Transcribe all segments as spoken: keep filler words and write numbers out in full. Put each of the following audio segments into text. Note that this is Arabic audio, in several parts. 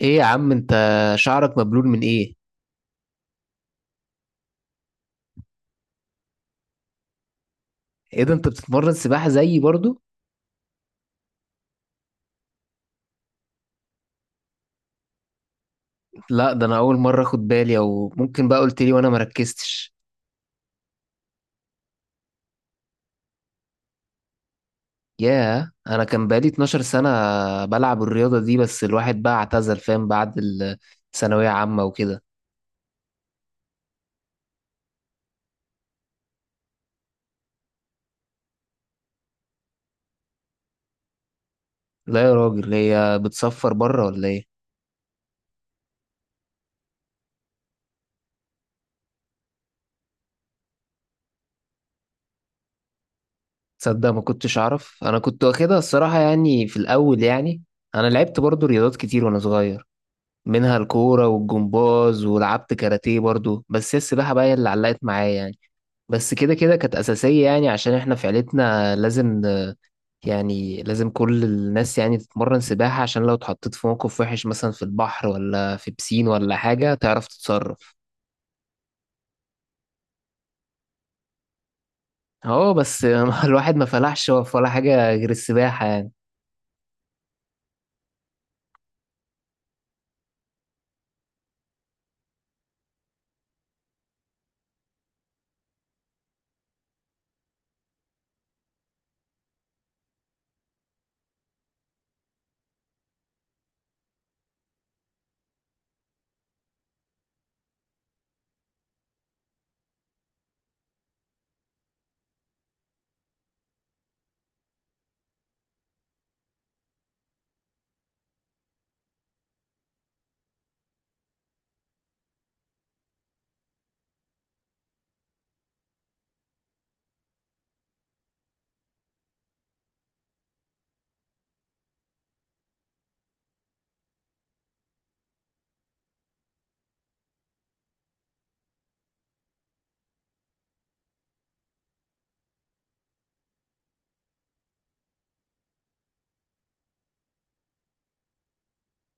ايه يا عم انت؟ شعرك مبلول من ايه؟ ايه ده، انت بتتمرن سباحة زيي برضو؟ لا، ده انا اول مرة اخد بالي، او ممكن بقى قلت لي وانا مركزتش. ياه، انا كان بقالي 12 سنة بلعب الرياضة دي، بس الواحد بقى اعتزل فاهم بعد الثانوية عامة وكده. لا يا راجل، هي بتصفر بره ولا ايه؟ تصدق ما كنتش اعرف، انا كنت واخدها الصراحة يعني في الاول يعني. انا لعبت برضو رياضات كتير وانا صغير، منها الكورة والجمباز، ولعبت كاراتيه برضو، بس هي السباحة بقى هي اللي علقت معايا يعني. بس كده كده كانت أساسية يعني، عشان احنا في عيلتنا لازم آه، يعني لازم كل الناس يعني تتمرن سباحة، عشان لو اتحطيت في موقف وحش مثلا في البحر ولا في بسين ولا حاجة تعرف تتصرف. اه بس الواحد ما فلحش في ولا حاجة غير السباحة يعني.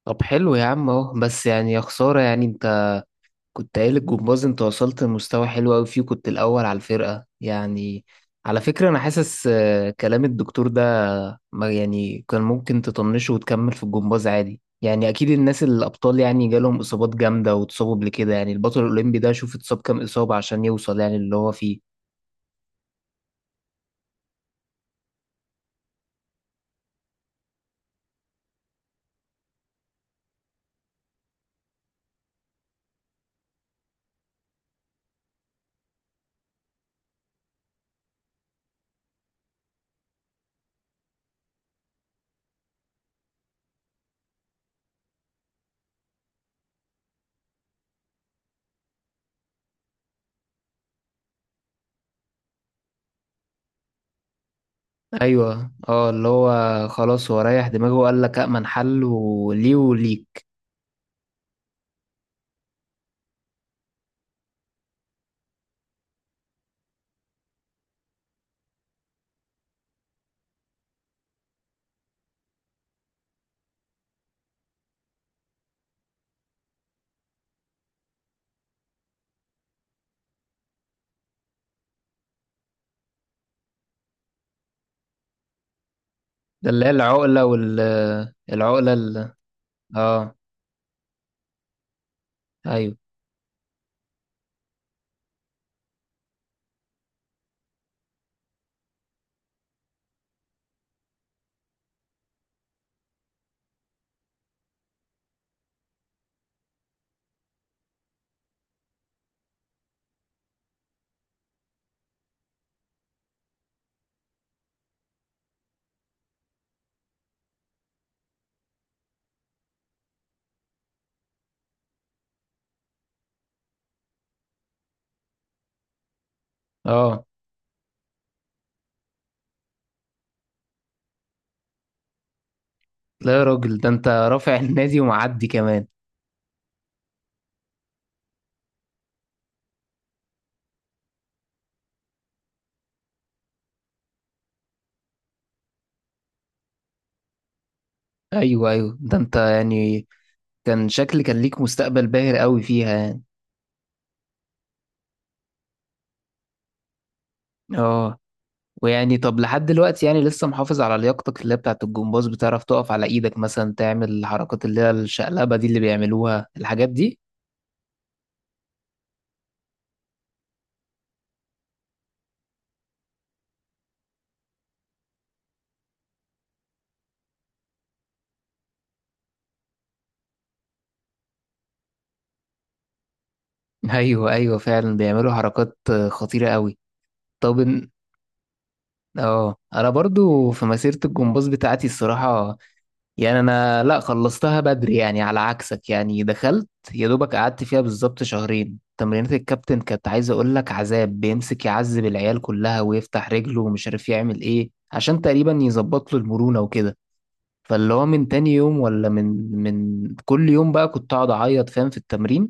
طب حلو يا عم اهو، بس يعني يا خسارة يعني، كنت قايل الجمباز انت وصلت لمستوى حلو قوي فيه، كنت الاول على الفرقه يعني. على فكره انا حاسس آه، كلام الدكتور ده ما يعني كان ممكن تطنشه وتكمل في الجمباز عادي يعني، اكيد الناس الابطال يعني جالهم اصابات جامده واتصابوا قبل كده، يعني البطل الاولمبي ده شوف اتصاب كام اصابه عشان يوصل يعني اللي هو فيه. ايوه اه، اللي هو خلاص هو ريح دماغه وقال لك امن حل وليه وليك. ده اللي هي العقله وال العقله ال... اه. ايوه. اه. لا يا راجل، ده انت رافع النادي ومعدي كمان. ايوه ايوه، ده انت يعني كان شكل كان ليك مستقبل باهر قوي فيها يعني. اه. ويعني طب لحد دلوقتي يعني لسه محافظ على لياقتك اللي هي بتاعت الجمباز؟ بتعرف تقف على ايدك مثلا، تعمل الحركات اللي هي الشقلبة دي اللي بيعملوها، الحاجات دي؟ ايوه ايوه، فعلا بيعملوا حركات خطيرة قوي. طب ان- اه، انا برضو في مسيرة الجمباز بتاعتي الصراحة يعني انا لا خلصتها بدري يعني على عكسك، يعني دخلت يا دوبك قعدت فيها بالظبط شهرين تمرينات. الكابتن كانت عايز اقول لك عذاب، بيمسك يعذب العيال كلها ويفتح رجله ومش عارف يعمل ايه عشان تقريبا يظبط له المرونة وكده. فاللي هو من تاني يوم ولا من من كل يوم بقى كنت اقعد اعيط فاهم في التمرين،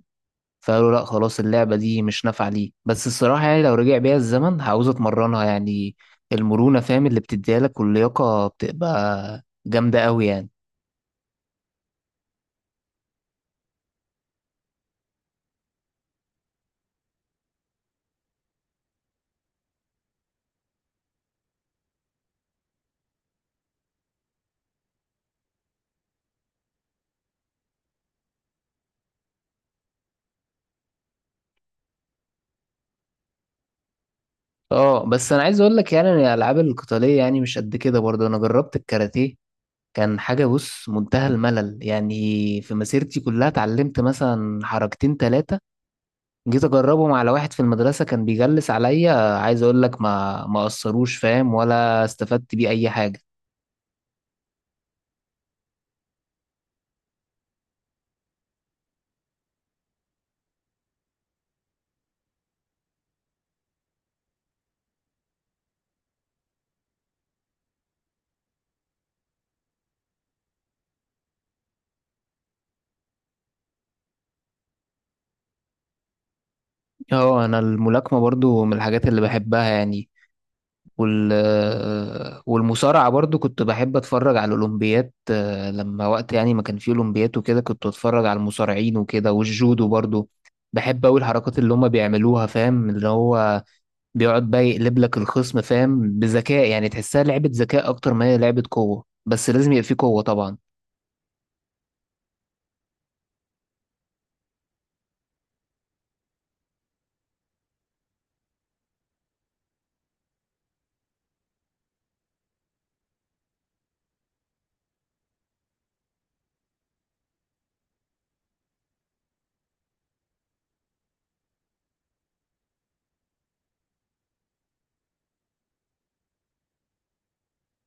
فقالوا لا خلاص اللعبة دي مش نافعة ليه. بس الصراحة يعني لو رجع بيا الزمن هعوز اتمرنها يعني، المرونة فاهم اللي بتديها لك واللياقة بتبقى جامدة قوي يعني. اه بس انا عايز اقول لك يعني إن الالعاب القتاليه يعني مش قد كده برضه، انا جربت الكاراتيه كان حاجه بص منتهى الملل يعني. في مسيرتي كلها اتعلمت مثلا حركتين ثلاثه، جيت اجربهم على واحد في المدرسه كان بيجلس عليا، عايز اقول لك ما ما اثروش فاهم ولا استفدت بيه اي حاجه. اه انا الملاكمه برضه من الحاجات اللي بحبها يعني، وال والمصارعة برضو كنت بحب اتفرج على الاولمبيات آه، لما وقت يعني ما كان فيه اولمبيات وكده كنت اتفرج على المصارعين وكده، والجودو برضو بحب اوي الحركات اللي هما بيعملوها فاهم، اللي هو بيقعد بقى يقلب لك الخصم فاهم بذكاء، يعني تحسها لعبة ذكاء اكتر ما هي لعبة قوة، بس لازم يبقى فيه قوة طبعا.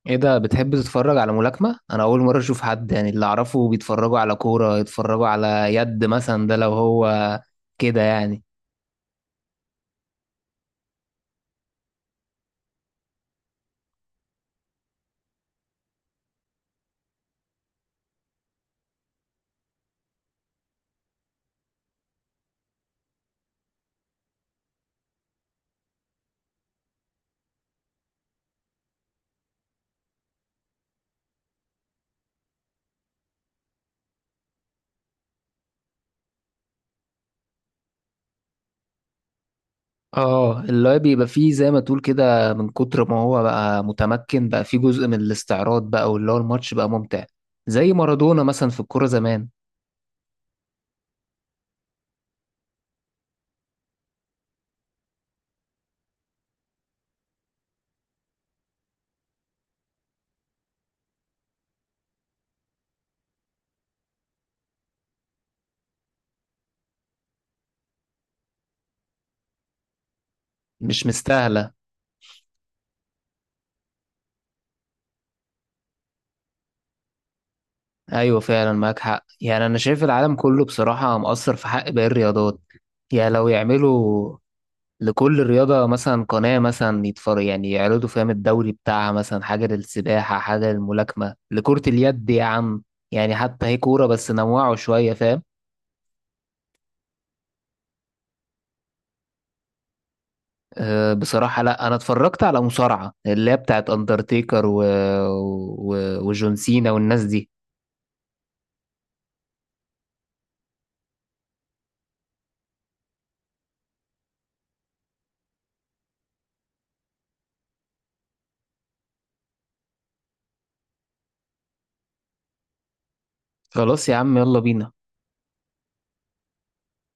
ايه ده، بتحب تتفرج على ملاكمة؟ انا اول مرة اشوف حد، يعني اللي اعرفه بيتفرجوا على كورة، يتفرجوا على يد مثلا ده لو هو، كده يعني. اه اللي هو بيبقى فيه زي ما تقول كده، من كتر ما هو بقى متمكن بقى فيه جزء من الاستعراض بقى، واللي هو الماتش بقى ممتع، زي مارادونا مثلا في الكورة زمان. مش مستاهلة. ايوه فعلا معاك حق، يعني انا شايف العالم كله بصراحة مقصر في حق باقي الرياضات، يعني لو يعملوا لكل رياضة مثلا قناة مثلا يتفرج، يعني يعرضوا فاهم الدوري بتاعها، مثلا حاجة للسباحة، حاجة للملاكمة، لكرة اليد يا عم، يعني حتى هي كورة بس نوعوا شوية فاهم. أه بصراحة لا، أنا اتفرجت على مصارعة اللي هي بتاعت أندرتيكر و... و... وجون سينا والناس دي. خلاص يا عم يلا بينا.